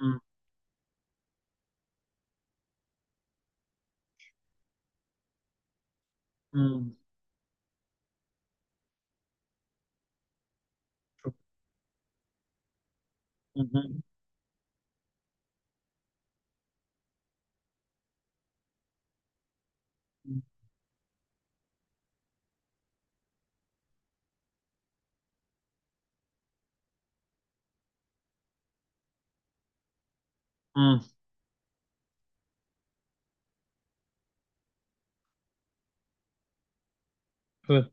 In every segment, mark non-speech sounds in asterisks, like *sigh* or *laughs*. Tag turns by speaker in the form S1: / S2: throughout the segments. S1: Hı, hı, çok, hı, hı, hı, evet,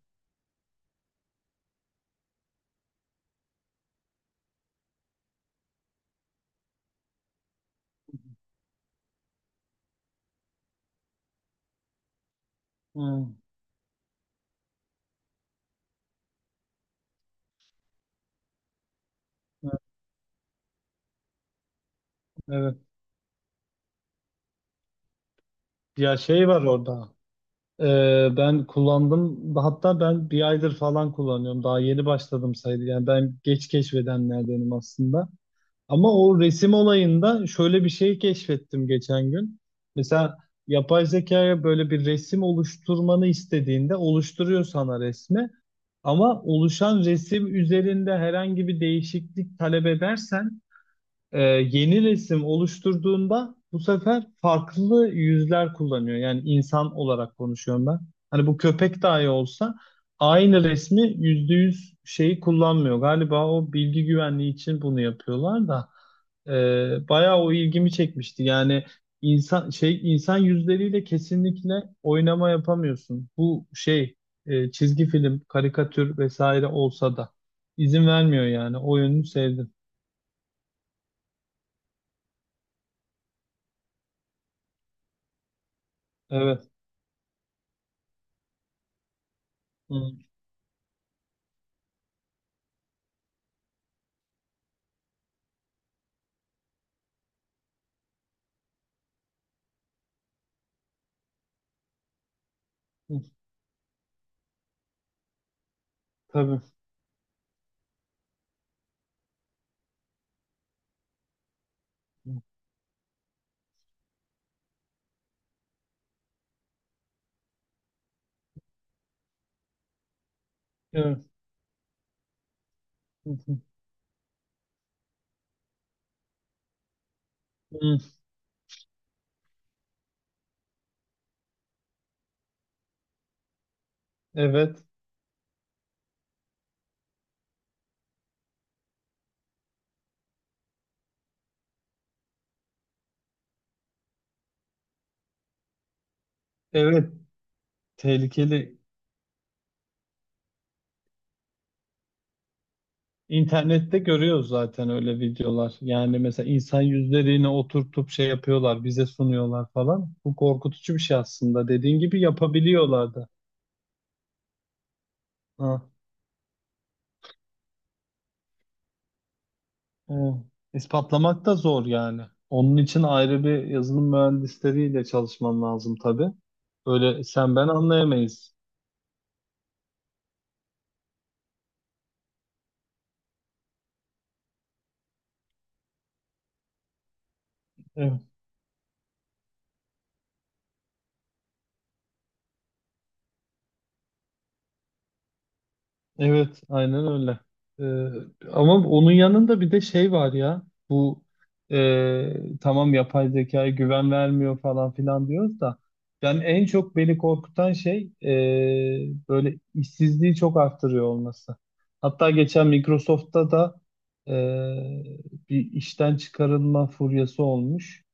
S1: hı, hı, evet. Ya şey var orada. Ben kullandım. Hatta ben bir aydır falan kullanıyorum. Daha yeni başladım sayılır. Yani ben geç keşfedenlerdenim aslında. Ama o resim olayında şöyle bir şey keşfettim geçen gün. Mesela yapay zekaya böyle bir resim oluşturmanı istediğinde oluşturuyor sana resmi. Ama oluşan resim üzerinde herhangi bir değişiklik talep edersen yeni resim oluşturduğunda bu sefer farklı yüzler kullanıyor. Yani insan olarak konuşuyorum ben. Hani bu köpek dahi olsa aynı resmi %100 şeyi kullanmıyor. Galiba o bilgi güvenliği için bunu yapıyorlar da bayağı o ilgimi çekmişti. Yani insan yüzleriyle kesinlikle oynama yapamıyorsun. Bu şey, çizgi film, karikatür vesaire olsa da izin vermiyor yani. O yönünü sevdim. Evet. Hı. Tabii. Evet. Hı. Evet. Evet. Tehlikeli. İnternette görüyoruz zaten öyle videolar. Yani mesela insan yüzlerini oturtup şey yapıyorlar, bize sunuyorlar falan. Bu korkutucu bir şey aslında. Dediğin gibi yapabiliyorlardı. Ha. Evet. İspatlamak da zor yani. Onun için ayrı bir yazılım mühendisleriyle çalışman lazım tabii. Öyle sen ben anlayamayız. Evet. Evet, aynen öyle. Ama onun yanında bir de şey var ya. Bu, tamam, yapay zekaya güven vermiyor falan filan diyoruz da, yani en çok beni korkutan şey böyle işsizliği çok arttırıyor olması. Hatta geçen Microsoft'ta da e, bir işten çıkarılma furyası olmuş.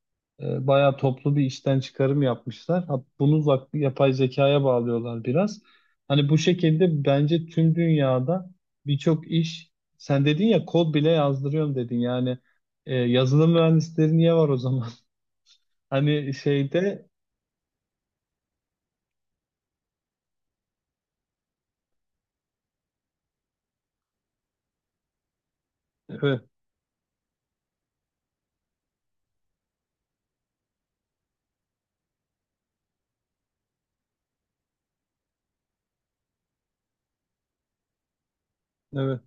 S1: Bayağı toplu bir işten çıkarım yapmışlar. Ha, bunu yapay zekaya bağlıyorlar biraz. Hani bu şekilde bence tüm dünyada birçok iş, sen dedin ya kod bile yazdırıyorum dedin, yani yazılım mühendisleri niye var o zaman? *laughs* Hani şeyde evet, evet.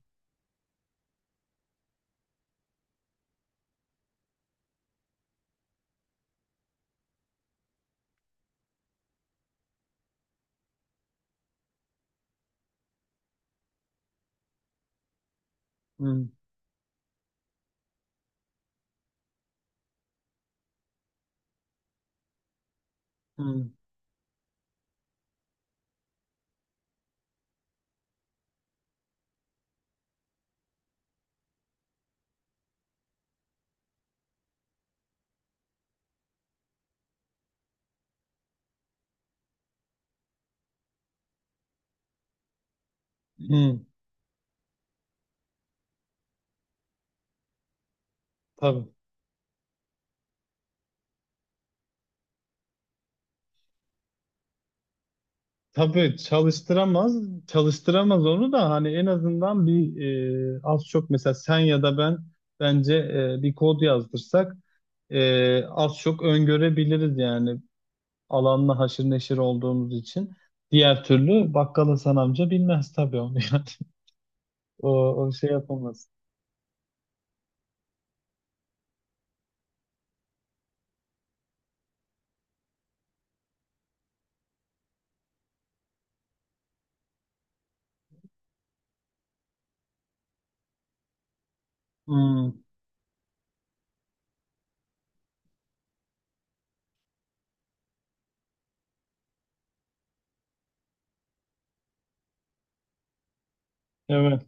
S1: Hmm, hmm, hmm, tabii, tabii, çalıştıramaz, çalıştıramaz onu da. Hani en azından bir az çok mesela sen ya da ben bence bir kod yazdırsak az çok öngörebiliriz, yani alanla haşır neşir olduğumuz için. Diğer türlü bakkal Hasan amca bilmez tabii onu, yani. *laughs* O, o şey yapamaz. Hmm, evet.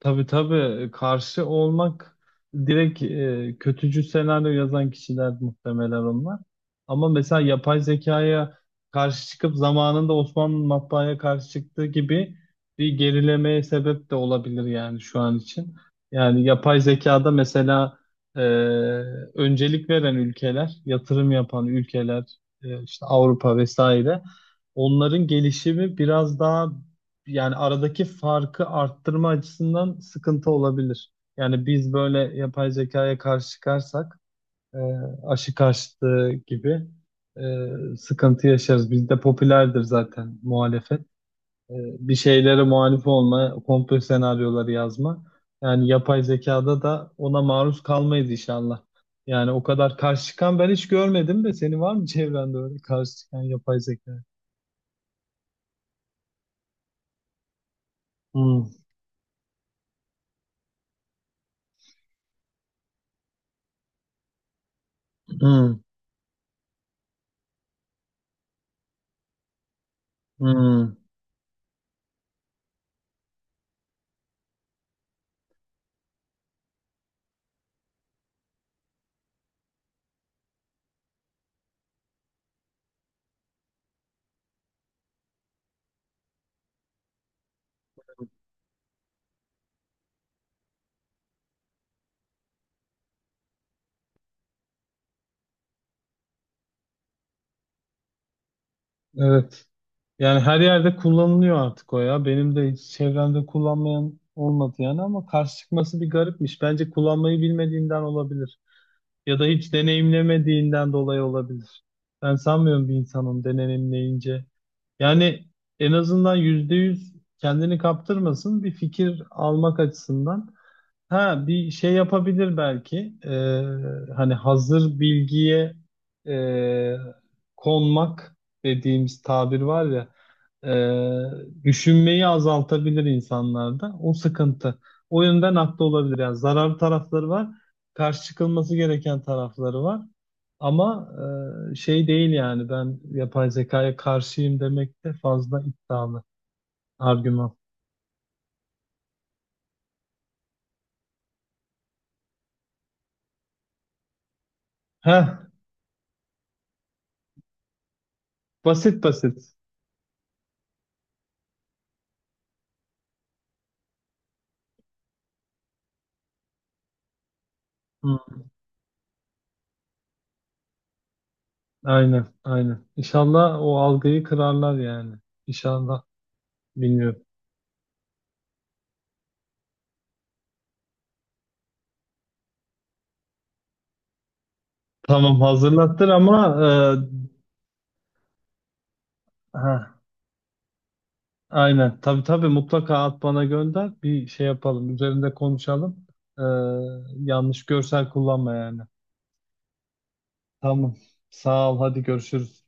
S1: Tabii, tabii, karşı olmak, direkt kötücül senaryo yazan kişiler muhtemelen onlar. Ama mesela yapay zekaya karşı çıkıp, zamanında Osmanlı matbaaya karşı çıktığı gibi, bir gerilemeye sebep de olabilir yani şu an için. Yani yapay zekada mesela e, öncelik veren ülkeler, yatırım yapan ülkeler, işte Avrupa vesaire, onların gelişimi biraz daha, yani aradaki farkı arttırma açısından sıkıntı olabilir. Yani biz böyle yapay zekaya karşı çıkarsak e, aşı karşıtı gibi sıkıntı yaşarız. Bizde popülerdir zaten muhalefet. E, Bir şeylere muhalif olma, komplo senaryoları yazma. Yani yapay zekada da ona maruz kalmayız inşallah. Yani o kadar karşı çıkan ben hiç görmedim de, senin var mı çevrende öyle karşı çıkan, yapay zeka? Hmm, hmm, hmm. Evet. Yani her yerde kullanılıyor artık o ya. Benim de hiç çevremde kullanmayan olmadı yani, ama karşı çıkması bir garipmiş. Bence kullanmayı bilmediğinden olabilir. Ya da hiç deneyimlemediğinden dolayı olabilir. Ben sanmıyorum bir insanın deneyimleyince. Yani en azından %100 kendini kaptırmasın, bir fikir almak açısından. Ha, bir şey yapabilir belki. Hani hazır bilgiye e, konmak dediğimiz tabir var ya, düşünmeyi azaltabilir insanlarda. O sıkıntı. O yönden haklı olabilir. Yani zararlı tarafları var. Karşı çıkılması gereken tarafları var. Ama şey değil yani, ben yapay zekaya karşıyım demek de fazla iddialı argüman. Heh, basit basit. Hı, aynen, aynen. İnşallah o algıyı kırarlar yani. İnşallah. Bilmiyorum. Tamam, hazırlattır ama e, ha, aynen. Tabii, tabii, mutlaka at bana, gönder. Bir şey yapalım. Üzerinde konuşalım. E, Yanlış görsel kullanma yani. Tamam. Sağ ol. Hadi görüşürüz.